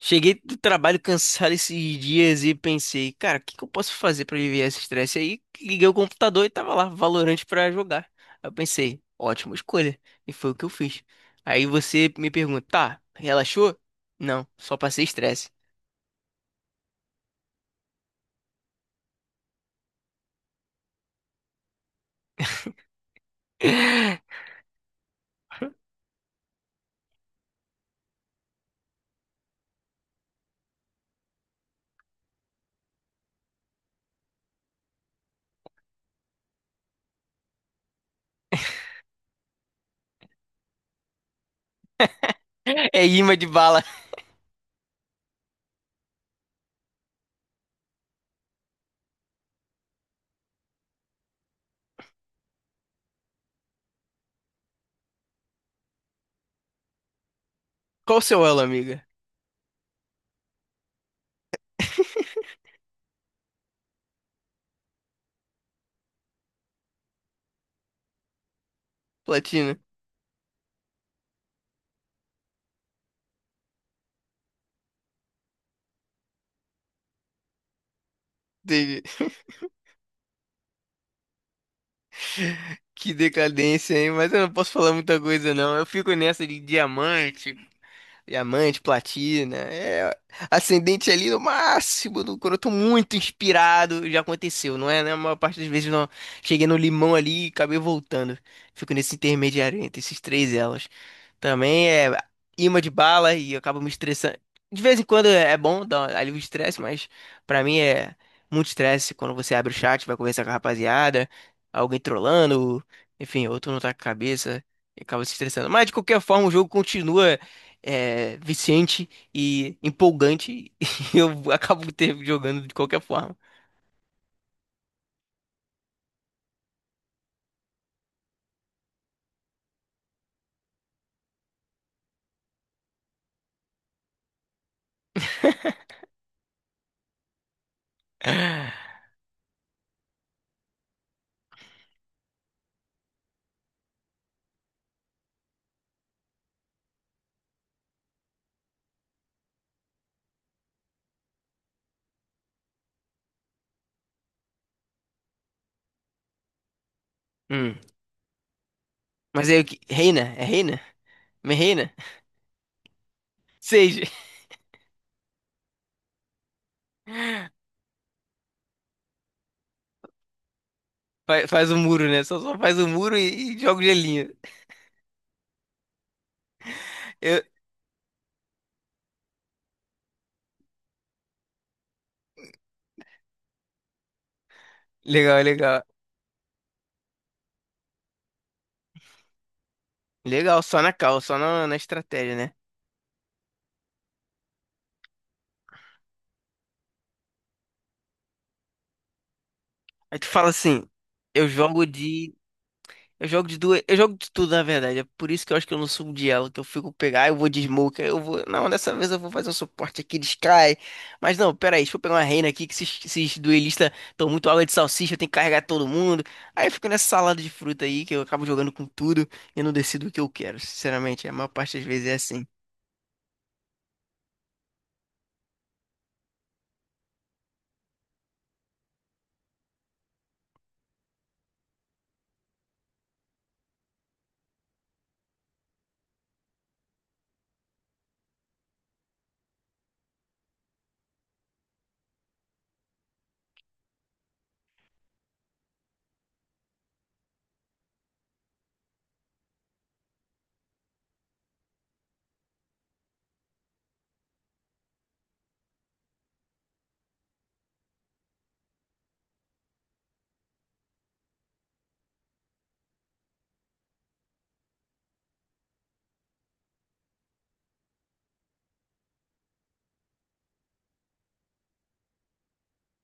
Cheguei do trabalho cansado esses dias e pensei, cara, o que eu posso fazer pra aliviar esse estresse? Aí liguei o computador e tava lá, Valorant pra jogar. Aí eu pensei, ótima escolha. E foi o que eu fiz. Aí você me pergunta, tá, relaxou? Não, só passei estresse. É imã de bala. Qual o seu elo, amiga? Platina. Entendi. Que decadência, hein? Mas eu não posso falar muita coisa, não. Eu fico nessa de diamante. Diamante, platina, é ascendente ali no máximo, do, quando eu tô muito inspirado, já aconteceu, não é? Né? A maior parte das vezes não cheguei no limão ali e acabei voltando. Fico nesse intermediário entre esses três elos. Também é imã de bala e eu acabo me estressando. De vez em quando é bom, dar um alívio de estresse, mas pra mim é muito estresse quando você abre o chat, vai conversar com a rapaziada, alguém trollando, enfim, outro não tá com a cabeça e acaba se estressando. Mas de qualquer forma, o jogo continua é, viciante e empolgante e eu acabo ter jogando de qualquer forma. Hum. Mas aí, reina, é reina? Me reina? Seja. Faz o muro, né? Só faz o muro e joga o gelinho. Eu- Legal, legal. Legal, só na cal, só na, na estratégia, né? Aí tu fala assim, eu jogo de. Eu jogo de duas, eu jogo de tudo, na verdade. É por isso que eu acho que eu não subo de elo, que eu fico pegar, eu vou de smoke, aí eu vou, não, dessa vez eu vou fazer um suporte aqui de Sky. Mas não, pera aí, deixa eu pegar uma reina aqui que esses duelistas estão muito água de salsicha, eu tenho que carregar todo mundo. Aí eu fico nessa salada de fruta aí que eu acabo jogando com tudo e não decido o que eu quero, sinceramente, a maior parte das vezes é assim.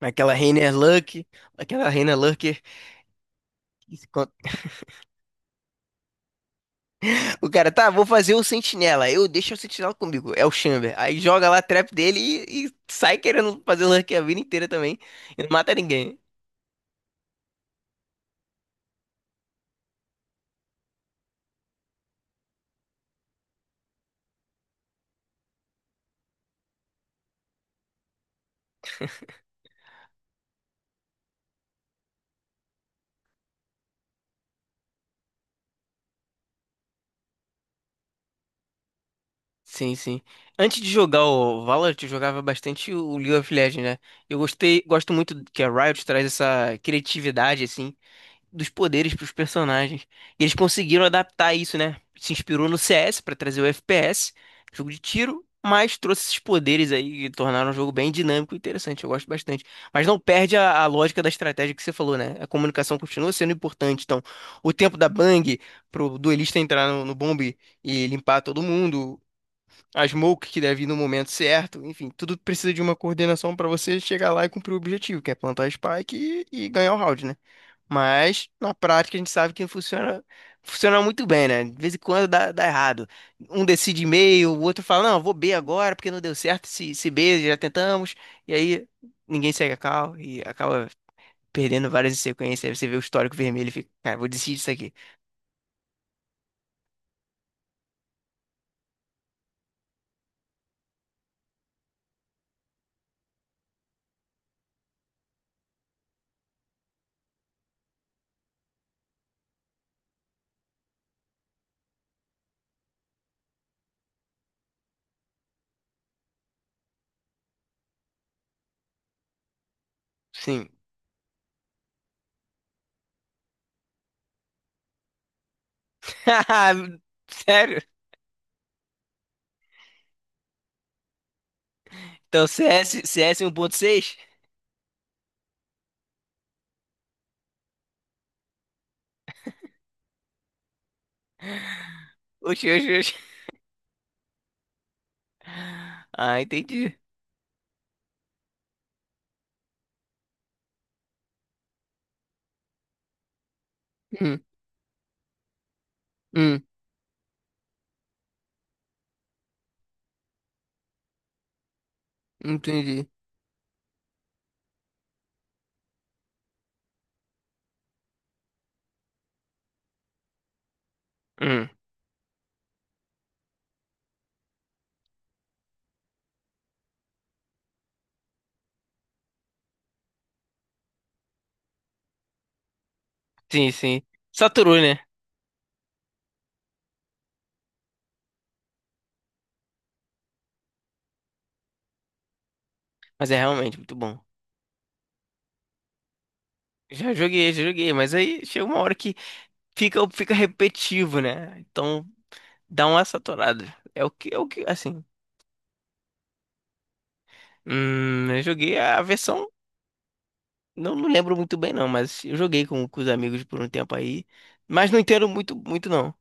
Aquela reina é Lurk, aquela reina Lurker. O cara, tá, vou fazer o sentinela. Eu deixo o sentinela comigo. É o Chamber. Aí joga lá a trap dele e sai querendo fazer o rank a vida inteira também. E não mata ninguém. Sim, sim. Antes de jogar o Valorant, eu jogava bastante o League of Legends, né? Eu gostei, gosto muito que a Riot traz essa criatividade, assim, dos poderes para os personagens. E eles conseguiram adaptar isso, né? Se inspirou no CS para trazer o FPS, jogo de tiro, mas trouxe esses poderes aí que tornaram o jogo bem dinâmico e interessante. Eu gosto bastante. Mas não perde a lógica da estratégia que você falou, né? A comunicação continua sendo importante. Então, o tempo da Bang pro duelista entrar no bombe e limpar todo mundo. A smoke que deve ir no momento certo, enfim, tudo precisa de uma coordenação para você chegar lá e cumprir o objetivo, que é plantar a spike e ganhar o round, né? Mas na prática a gente sabe que funciona, funciona muito bem, né? De vez em quando dá, dá errado. Um decide meio o outro fala, não, eu vou B agora porque não deu certo, se B já tentamos, e aí ninguém segue a cal e acaba perdendo várias em sequência. Aí você vê o histórico vermelho e fica, cara, vou decidir isso aqui. Sim. Sério? Então CS, CS 1.6? Oxi, oxi, oxi. Ah, entendi. Hum, hum, entendi. Hum, sim, sim. Saturou, né? Mas é realmente muito bom. Já joguei, mas aí chega uma hora que fica, fica repetitivo, né? Então dá uma saturada. É o que, assim. Eu joguei a versão, não, não lembro muito bem não, mas eu joguei com os amigos por um tempo aí, mas não entendo muito, muito não.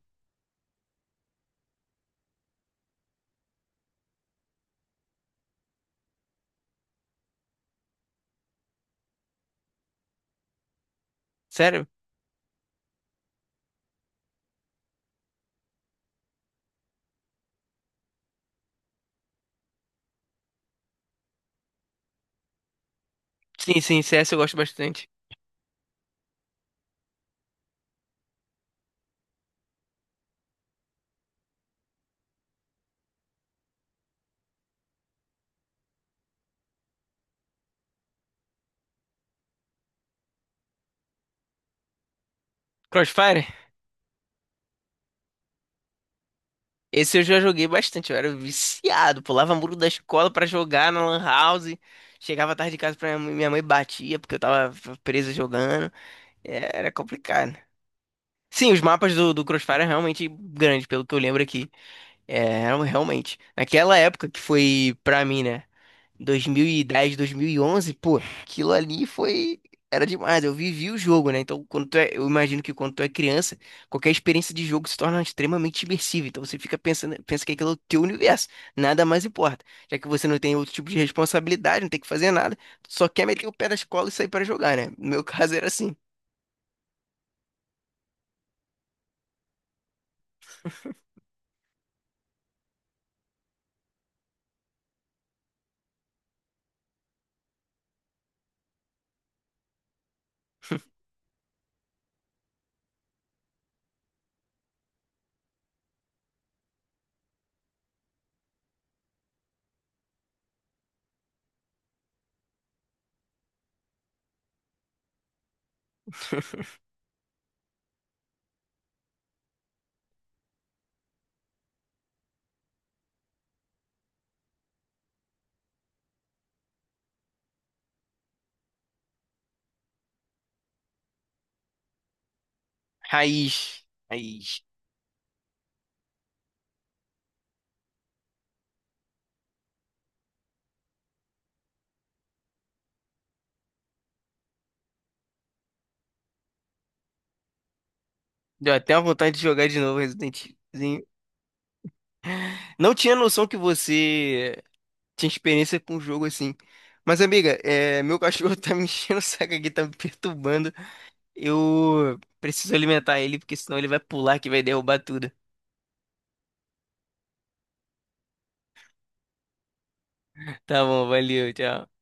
Sério? Sim, sim, CS eu gosto bastante. Crossfire? Esse eu já joguei bastante, eu era viciado, pulava muro da escola pra jogar na Lan House, chegava tarde de casa pra minha mãe batia porque eu tava presa jogando. É, era complicado. Sim, os mapas do, do Crossfire é realmente grande, pelo que eu lembro aqui. É, eram realmente. Naquela época que foi pra mim, né? 2010, 2011, pô, aquilo ali foi. Era demais. Eu vivi o jogo, né? Então, quando tu é... eu imagino que quando tu é criança, qualquer experiência de jogo se torna extremamente imersiva. Então, você fica pensando, pensa que aquilo é o teu universo. Nada mais importa. Já que você não tem outro tipo de responsabilidade, não tem que fazer nada, só quer meter o pé na escola e sair pra jogar, né? No meu caso era assim. Raiz. Raiz. Deu até uma vontade de jogar de novo Resident Evilzinho. Não tinha noção que você tinha experiência com o jogo assim. Mas, amiga, é, meu cachorro tá me enchendo o saco aqui, tá me perturbando. Eu preciso alimentar ele, porque senão ele vai pular que vai derrubar tudo. Tá bom, valeu, tchau.